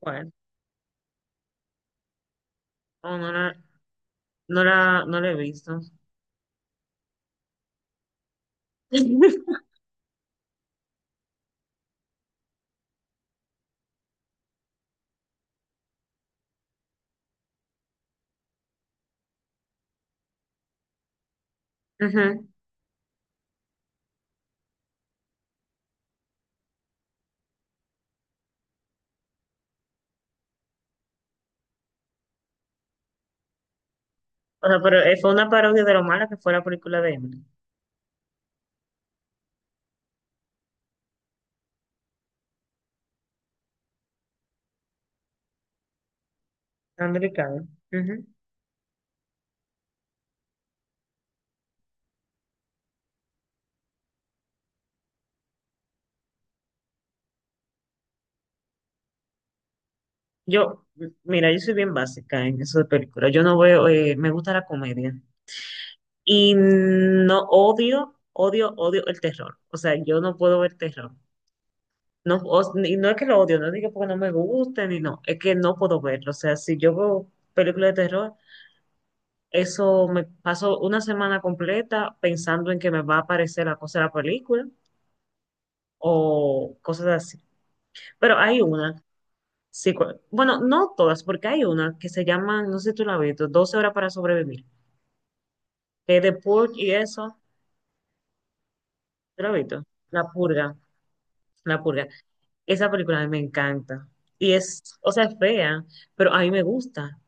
¿Cuál? Oh, no la, no la, no la he visto. Ujú. O sea, pero fue una parodia de lo mala que fue la película de Emily. Americana. Ujú. Yo, mira, yo soy bien básica en eso de películas. Yo no veo, me gusta la comedia. Y no odio el terror. O sea, yo no puedo ver terror. No, y no es que lo odio, no digo porque no me guste, ni no, es que no puedo verlo. O sea, si yo veo películas de terror, eso me paso una semana completa pensando en que me va a aparecer la cosa de la película o cosas así. Pero hay una, sí, cu- bueno, no todas, porque hay una que se llama, no sé si tú la has visto, 12 horas para sobrevivir, que es de Purge y eso, ¿tú la has visto? La purga, la purga. Esa película a mí me encanta. Y es, o sea, es fea, pero a mí me gusta.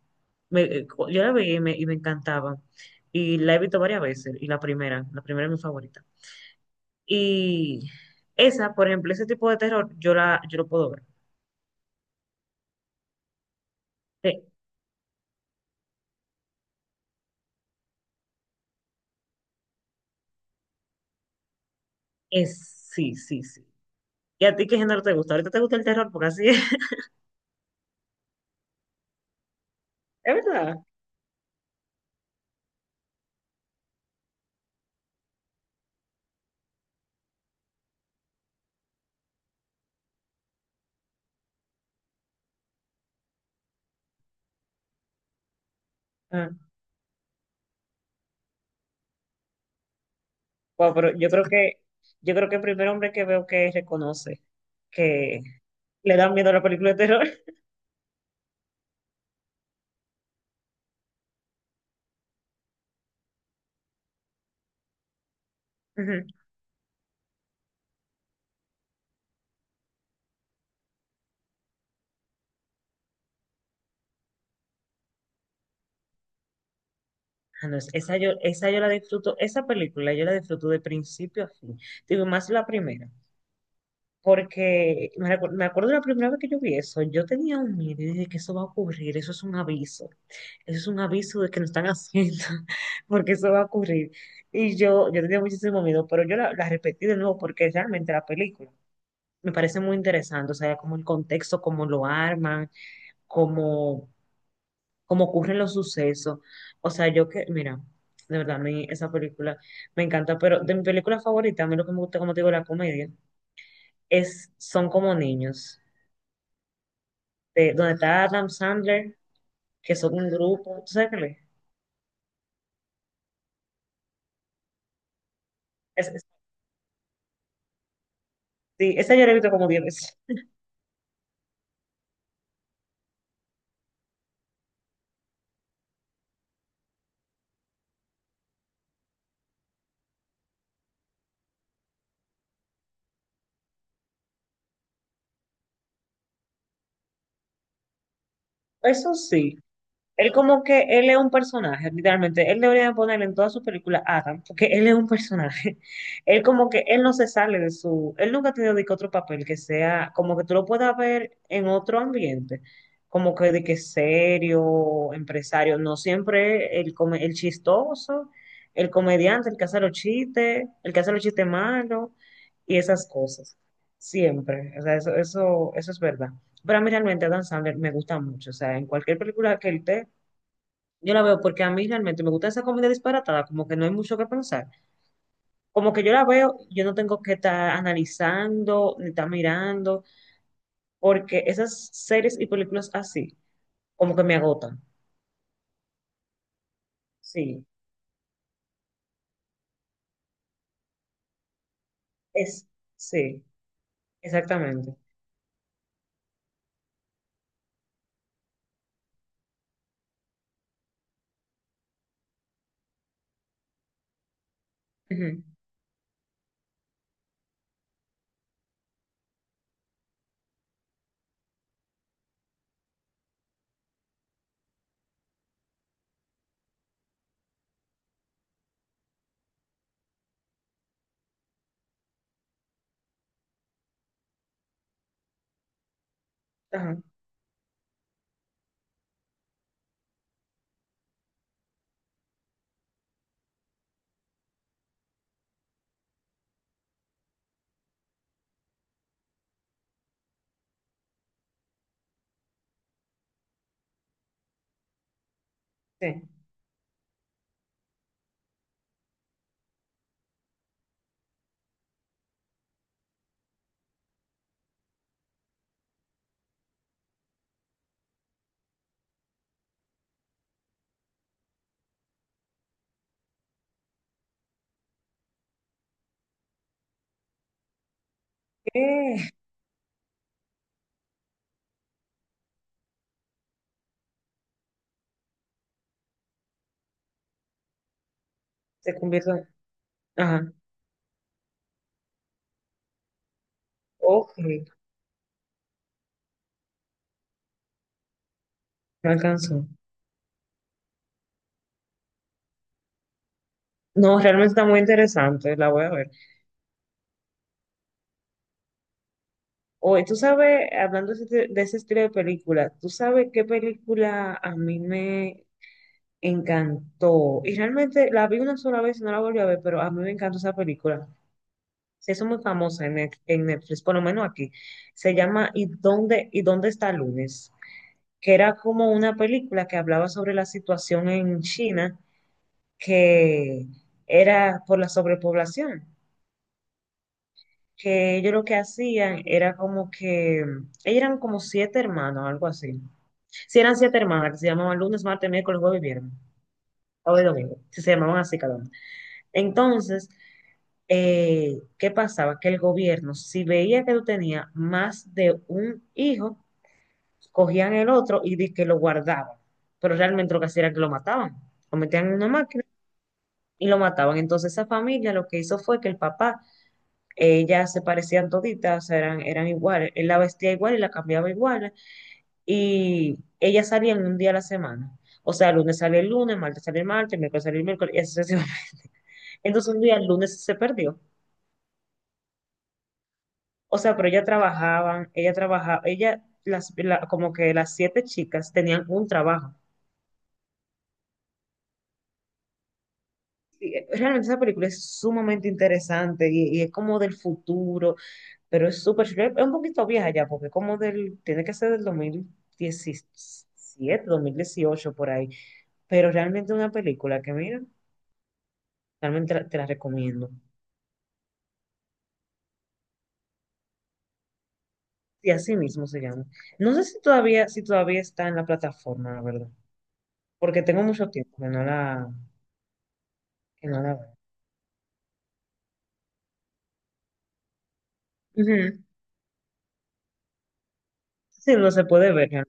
Yo la vi y me encantaba. Y la he visto varias veces. Y la primera es mi favorita. Y esa, por ejemplo, ese tipo de terror, yo lo puedo ver. Eh, Es, sí. ¿Y a ti qué género te gusta? Ahorita te gusta el terror porque así es. Es verdad. Ah, wow, yo creo que el primer hombre que veo que reconoce que le da miedo a la película de terror. Ujú. Ah, no, esa yo la disfruto, esa película yo la disfruto de principio a fin. Digo, más la primera. Porque me acuerdo la primera vez que yo vi eso, yo tenía un miedo y dije que eso va a ocurrir, eso es un aviso, eso es un aviso de que nos están haciendo, porque eso va a ocurrir. Y yo tenía muchísimo miedo, pero yo la repetí de nuevo porque realmente la película me parece muy interesante, o sea, como el contexto, cómo lo arman, cómo, cómo ocurren los sucesos. O sea, yo que, mira, de verdad, a mí esa película me encanta, pero de mi película favorita, a mí lo que me gusta, como te digo, la comedia, es, son como niños, de- donde está Adam Sandler, que son un grupo, ¿tú sabes qué? es? Es- es- sí, esa yo la he visto como diez veces. Eso sí, él como que, él es un personaje, literalmente. Él debería ponerle en todas sus películas Adam, porque él es un personaje. Él como que, él no se sale de su, él nunca ha tenido de que otro papel que sea, como que tú lo puedas ver en otro ambiente, como que de que serio, empresario, no siempre el chistoso, el comediante, el que hace los chistes, el que hace los chistes malos y esas cosas. Siempre, o sea, eso es verdad. Pero a mí realmente Adam Sandler me gusta mucho, o sea, en cualquier película que él esté, yo la veo porque a mí realmente me gusta esa comida disparatada, como que no hay mucho que pensar. Como que yo la veo, yo no tengo que estar analizando, ni estar mirando, porque esas series y películas así, como que me agotan. Sí, es, sí, exactamente. Ujú. Ajá, sí. Eh, Se convirtió. Ajá, ok, me alcanzó. No, realmente está muy interesante, la voy a ver. Oye, tú sabes, hablando de de ese estilo de película, ¿tú sabes qué película a mí me encantó? Y realmente la vi una sola vez y no la volví a ver, pero a mí me encantó esa película. Se hizo muy famosa en, en Netflix, por lo menos aquí. Se llama y dónde está lunes? Que era como una película que hablaba sobre la situación en China, que era por la sobrepoblación. Que ellos lo que hacían era como que, ellos eran como siete hermanos, algo así. Si eran siete hermanas, que se llamaban lunes, martes, miércoles, jueves y viernes, o domingo, si se llamaban así cada uno. Entonces, ¿qué pasaba? Que el gobierno, si veía que tú tenías más de un hijo, cogían el otro y di que lo guardaban. Pero realmente lo que hacía era que lo mataban. Lo metían en una máquina y lo mataban. Entonces esa familia lo que hizo fue que el papá, ellas se parecían toditas, o sea, eran iguales. Él la vestía igual y la cambiaba igual. Y ellas salían un día a la semana. O sea, el lunes salía el lunes, martes salía el martes, miércoles salía el miércoles, y así sucesivamente. Entonces un día el lunes se perdió. O sea, pero ella trabajaban, ella trabajaba, ella, las, la- como que las siete chicas tenían un trabajo. Y, realmente esa película es sumamente interesante y es como del futuro, pero es súper chula. Es un poquito vieja ya, porque como del, tiene que ser del 2017, 2018, por ahí. Pero realmente una película que, mira, te la recomiendo. Y así mismo se llama. No sé si todavía está en la plataforma, la verdad, porque tengo mucho tiempo que que no la veo. Ujú. Sí, no se puede ver.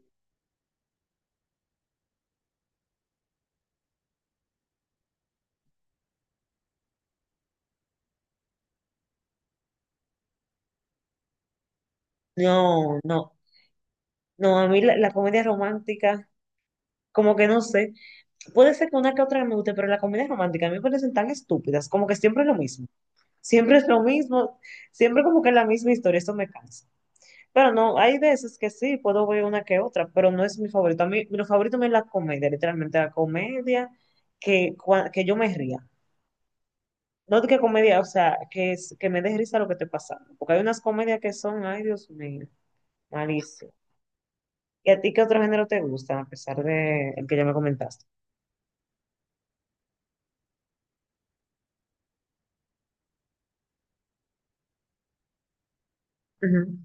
¿No? No, no, no, a mí la comedia romántica, como que no sé, puede ser que una que otra me guste, pero la comedia romántica a mí me parecen tan estúpidas, como que siempre es lo mismo, siempre es lo mismo, siempre como que es la misma historia, eso me cansa. Pero no, hay veces que sí, puedo ver una que otra, pero no es mi favorito. A mí, mi favorito es la comedia, literalmente la comedia que, que yo me ría. No que comedia, o sea, que, que me dé risa lo que esté pasando, porque hay unas comedias que son, ay Dios mío, malísimas. ¿Y a ti qué otro género te gusta, a pesar de el que ya me comentaste? Ujú.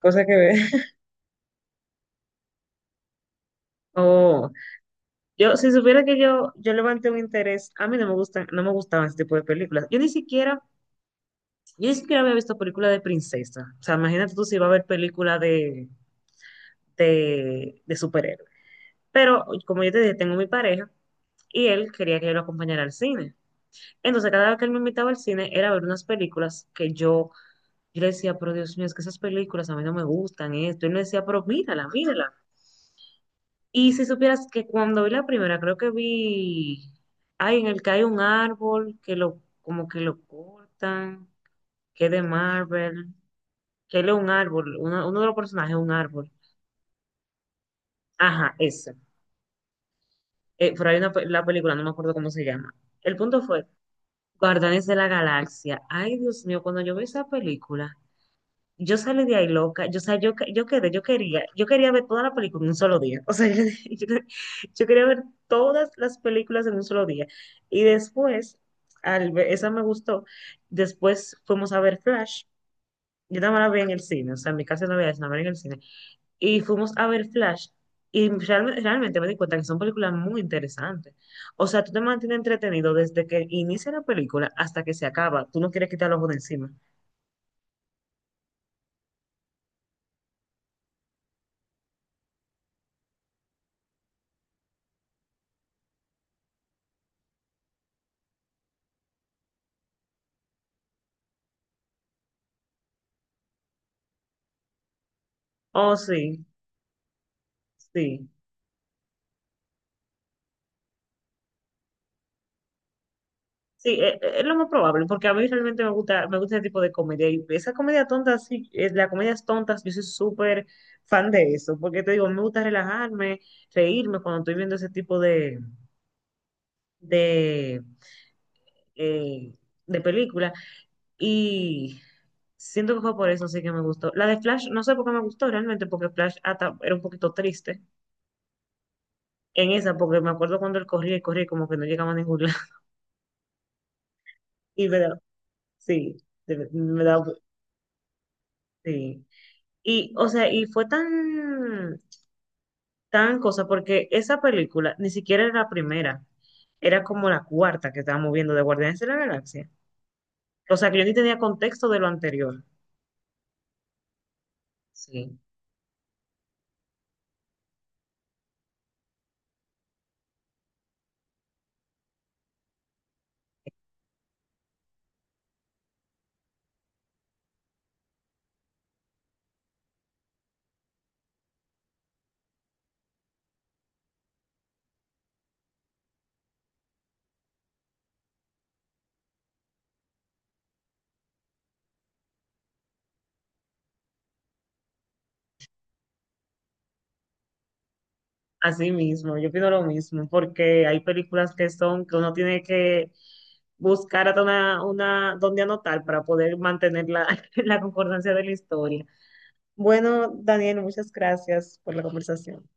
Cosa que ver. Oh, yo, si supiera que yo levanté un interés, a mí no me gustan, no me gustaban ese tipo de películas. Yo ni siquiera había visto películas de princesa. O sea, imagínate tú si iba a ver películas de, de superhéroes. Pero, como yo te dije, tengo mi pareja y él quería que yo lo acompañara al cine. Entonces, cada vez que él me invitaba al cine era a ver unas películas que yo... Y yo le decía, pero Dios mío, es que esas películas a mí no me gustan, esto. Y él me decía, pero mírala, mírala. Y si supieras que cuando vi la primera, creo que vi, ay, en el que hay un árbol, que lo, como que lo cortan, que es de Marvel, que él es un árbol, uno de los personajes es un árbol. Ajá, esa. Pero hay una, la película, no me acuerdo cómo se llama. El punto fue, Guardianes de la Galaxia. Ay, Dios mío, cuando yo vi esa película, yo salí de ahí loca, yo, o sea, yo, yo quedé, yo quería ver toda la película en un solo día, o sea, yo, yo- yo quería ver todas las películas en un solo día. Y después, esa me gustó, después fuimos a ver Flash, yo nada más la vi en el cine, o sea, en mi casa no había eso, nada más era en el cine, y fuimos a ver Flash, y realmente me di cuenta que son películas muy interesantes. O sea, tú te mantienes entretenido desde que inicia la película hasta que se acaba, tú no quieres quitar los ojos de encima. Oh, sí. Sí, es lo más probable, porque a mí realmente me gusta ese tipo de comedia. Y esa comedia tonta, sí, las comedias tontas, yo soy súper fan de eso, porque te digo, me gusta relajarme, reírme cuando estoy viendo ese tipo de, de, eh, de película. Y siento que fue por eso sí que me gustó. La de Flash, no sé por qué me gustó realmente, porque Flash hasta era un poquito triste en esa, porque me acuerdo cuando él corría y corría y como que no llegaba a ningún lado. Y sí, me da, sí. Y, o sea, y fue tan, tan cosa, porque esa película ni siquiera era la primera, era como la cuarta que estábamos viendo de Guardianes de la Galaxia. O sea, que yo ni tenía contexto de lo anterior. Sí. Así mismo, yo pido lo mismo, porque hay películas que son que uno tiene que buscar hasta una donde anotar para poder mantener la, la concordancia de la historia. Bueno, Daniel, muchas gracias por la conversación.